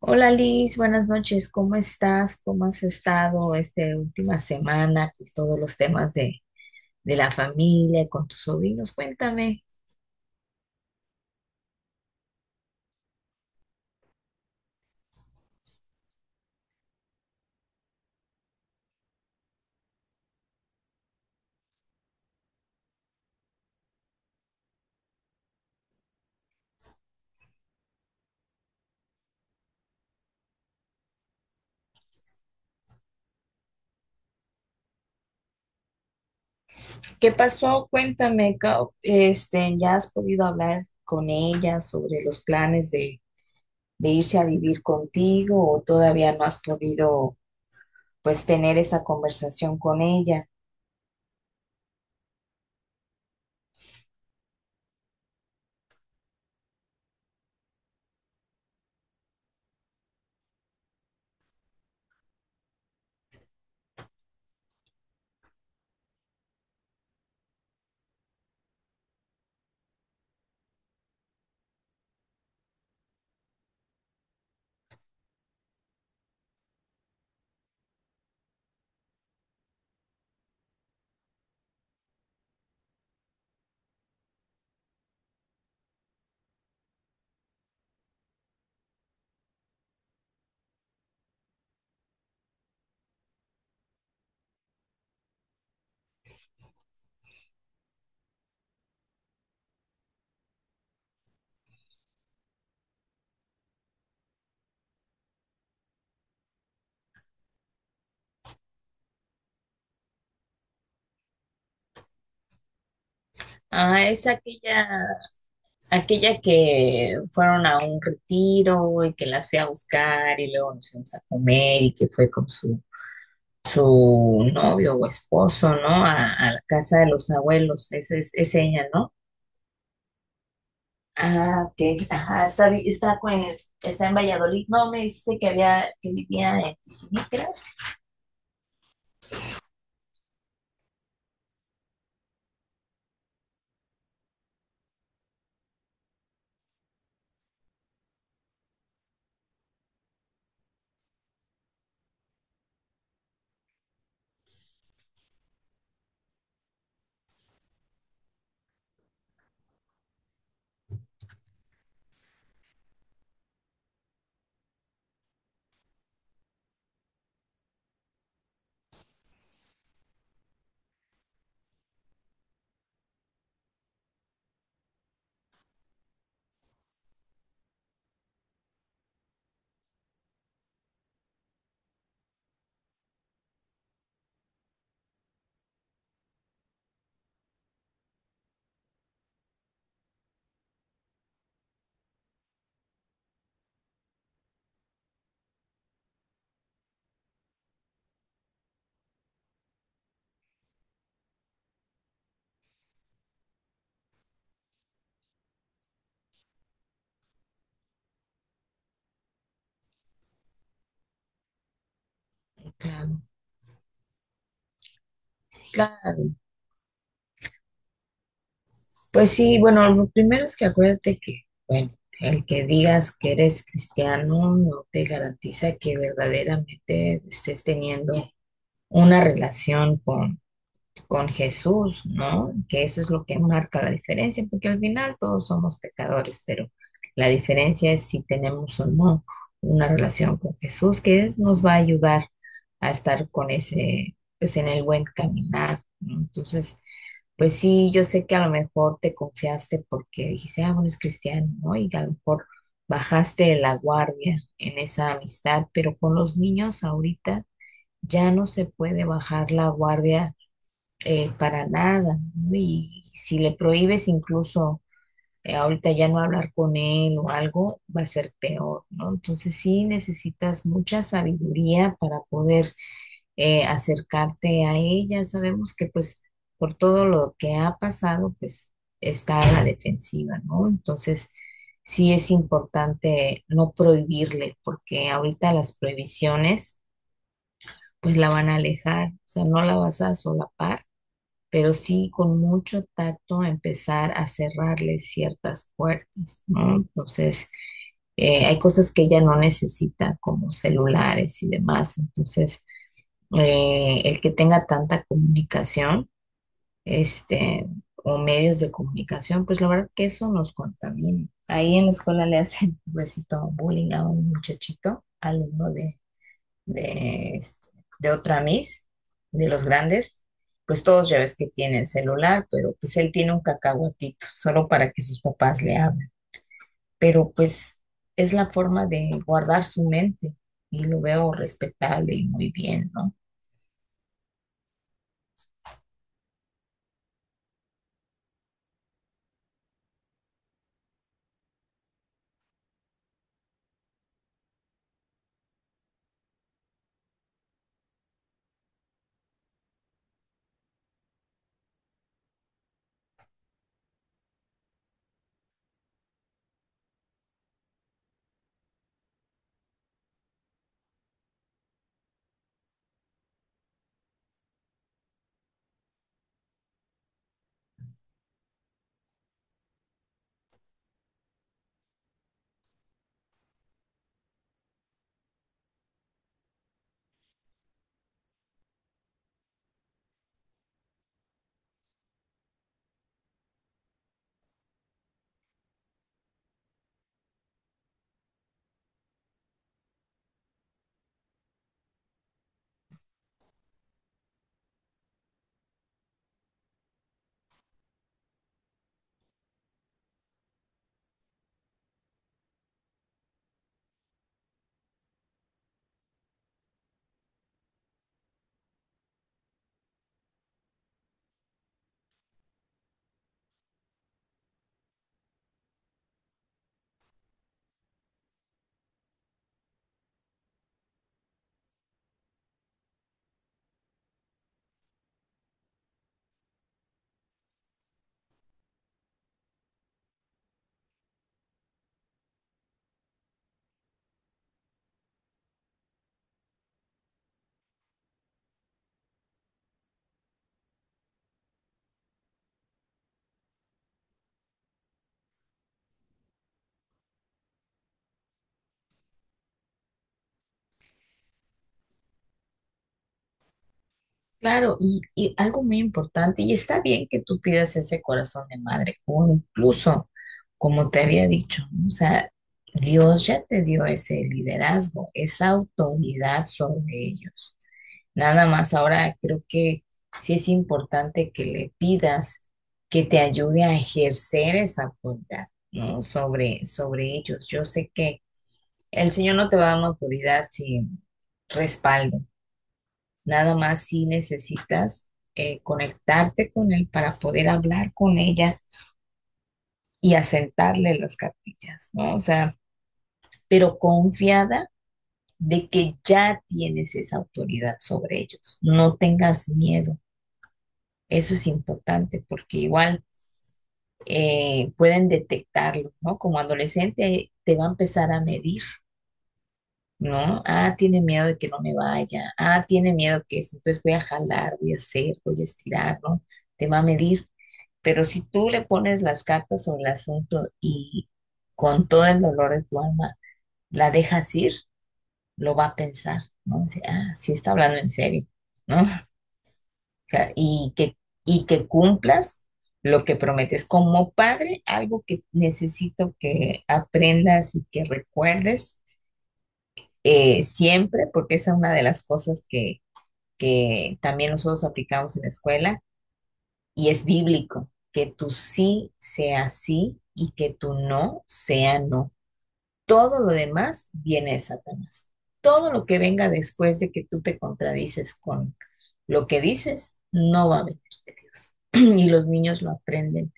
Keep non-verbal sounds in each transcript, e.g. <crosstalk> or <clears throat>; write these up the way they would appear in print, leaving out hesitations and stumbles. Hola Liz, buenas noches. ¿Cómo estás? ¿Cómo has estado esta última semana con todos los temas de la familia, con tus sobrinos? Cuéntame, ¿qué pasó? Cuéntame, ¿ya has podido hablar con ella sobre los planes de irse a vivir contigo o todavía no has podido pues tener esa conversación con ella? Ah, es aquella Aquella que fueron a un retiro y que las fui a buscar y luego nos fuimos a comer y que fue con su novio o esposo, ¿no? A la casa de los abuelos, esa es ella, ¿no? Ah, ok. Ajá, está, vi- está, con el- está en Valladolid. No, me dijiste que había, que vivía en Tizinicra. Claro, claro. Pues sí, bueno, lo primero es que bueno, el que digas que eres cristiano no te garantiza que verdaderamente estés teniendo una relación con Jesús, ¿no? Que eso es lo que marca la diferencia, porque al final todos somos pecadores, pero la diferencia es si tenemos o no una relación con Jesús, nos va a ayudar a estar con ese, pues en el buen caminar, ¿no? Entonces, pues sí, yo sé que a lo mejor te confiaste porque dijiste, ah, bueno, es cristiano, ¿no? Y a lo mejor bajaste de la guardia en esa amistad, pero con los niños ahorita ya no se puede bajar la guardia para nada, ¿no? Y si le prohíbes incluso ahorita ya no hablar con él o algo va a ser peor, ¿no? Entonces sí necesitas mucha sabiduría para poder acercarte a ella. Sabemos que pues por todo lo que ha pasado, pues está a la defensiva, ¿no? Entonces sí es importante no prohibirle, porque ahorita las prohibiciones pues la van a alejar, o sea, no la vas a solapar pero sí con mucho tacto a empezar a cerrarle ciertas puertas, ¿no? Entonces, hay cosas que ella no necesita, como celulares y demás. Entonces, el que tenga tanta comunicación, este, o medios de comunicación, pues la verdad que eso nos contamina. Ahí en la escuela le hacen un besito bullying a un muchachito, alumno de, este, de otra Miss, de los grandes, pues todos ya ves que tienen celular, pero pues él tiene un cacahuatito, solo para que sus papás le hablen. Pero pues es la forma de guardar su mente y lo veo respetable y muy bien, ¿no? Claro, y algo muy importante, y está bien que tú pidas ese corazón de madre, o incluso, como te había dicho, ¿no? O sea, Dios ya te dio ese liderazgo, esa autoridad sobre ellos. Nada más ahora creo que sí es importante que le pidas que te ayude a ejercer esa autoridad, ¿no? Sobre ellos. Yo sé que el Señor no te va a dar una autoridad sin respaldo. Nada más si necesitas conectarte con Él para poder hablar con ella y asentarle las cartillas, ¿no? O sea, pero confiada de que ya tienes esa autoridad sobre ellos. No tengas miedo. Eso es importante porque igual pueden detectarlo, ¿no? Como adolescente te va a empezar a medir, ¿no? Ah, tiene miedo de que no me vaya, ah, tiene miedo que eso, entonces voy a jalar, voy a hacer, voy a estirar, ¿no? Te va a medir. Pero si tú le pones las cartas sobre el asunto y con todo el dolor de tu alma la dejas ir, lo va a pensar, ¿no? Dice, ah, sí está hablando en serio, ¿no? sea, y que cumplas lo que prometes. Como padre, algo que necesito que aprendas y que recuerdes siempre, porque esa es una de las cosas que también nosotros aplicamos en la escuela y es bíblico, que tu sí sea sí y que tu no sea no. Todo lo demás viene de Satanás. Todo lo que venga después de que tú te contradices con lo que dices, no va a venir de Dios. <clears throat> Y los niños lo aprenden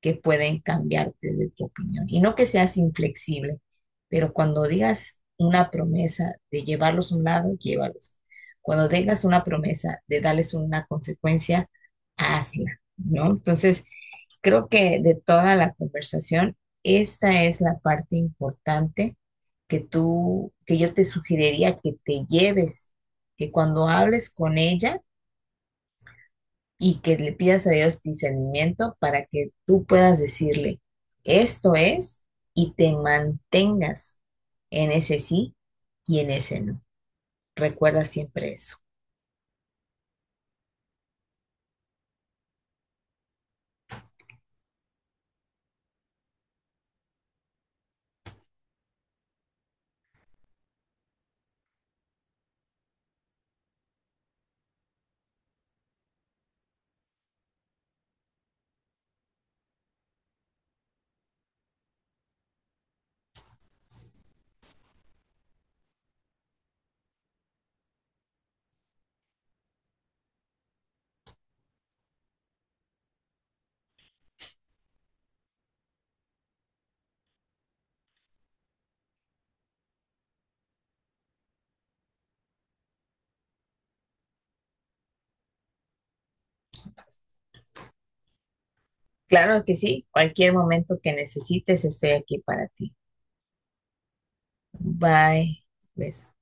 que pueden cambiarte de tu opinión. Y no que seas inflexible, pero cuando digas una promesa de llevarlos a un lado, llévalos. Cuando tengas una promesa de darles una consecuencia, hazla, ¿no? Entonces, creo que de toda la conversación, esta es la parte importante que tú, que yo te sugeriría que te lleves, que cuando hables con ella, y que le pidas a Dios discernimiento para que tú puedas decirle, esto es, y te mantengas en ese sí y en ese no. Recuerda siempre eso. Claro que sí, cualquier momento que necesites, estoy aquí para ti. Bye. Beso.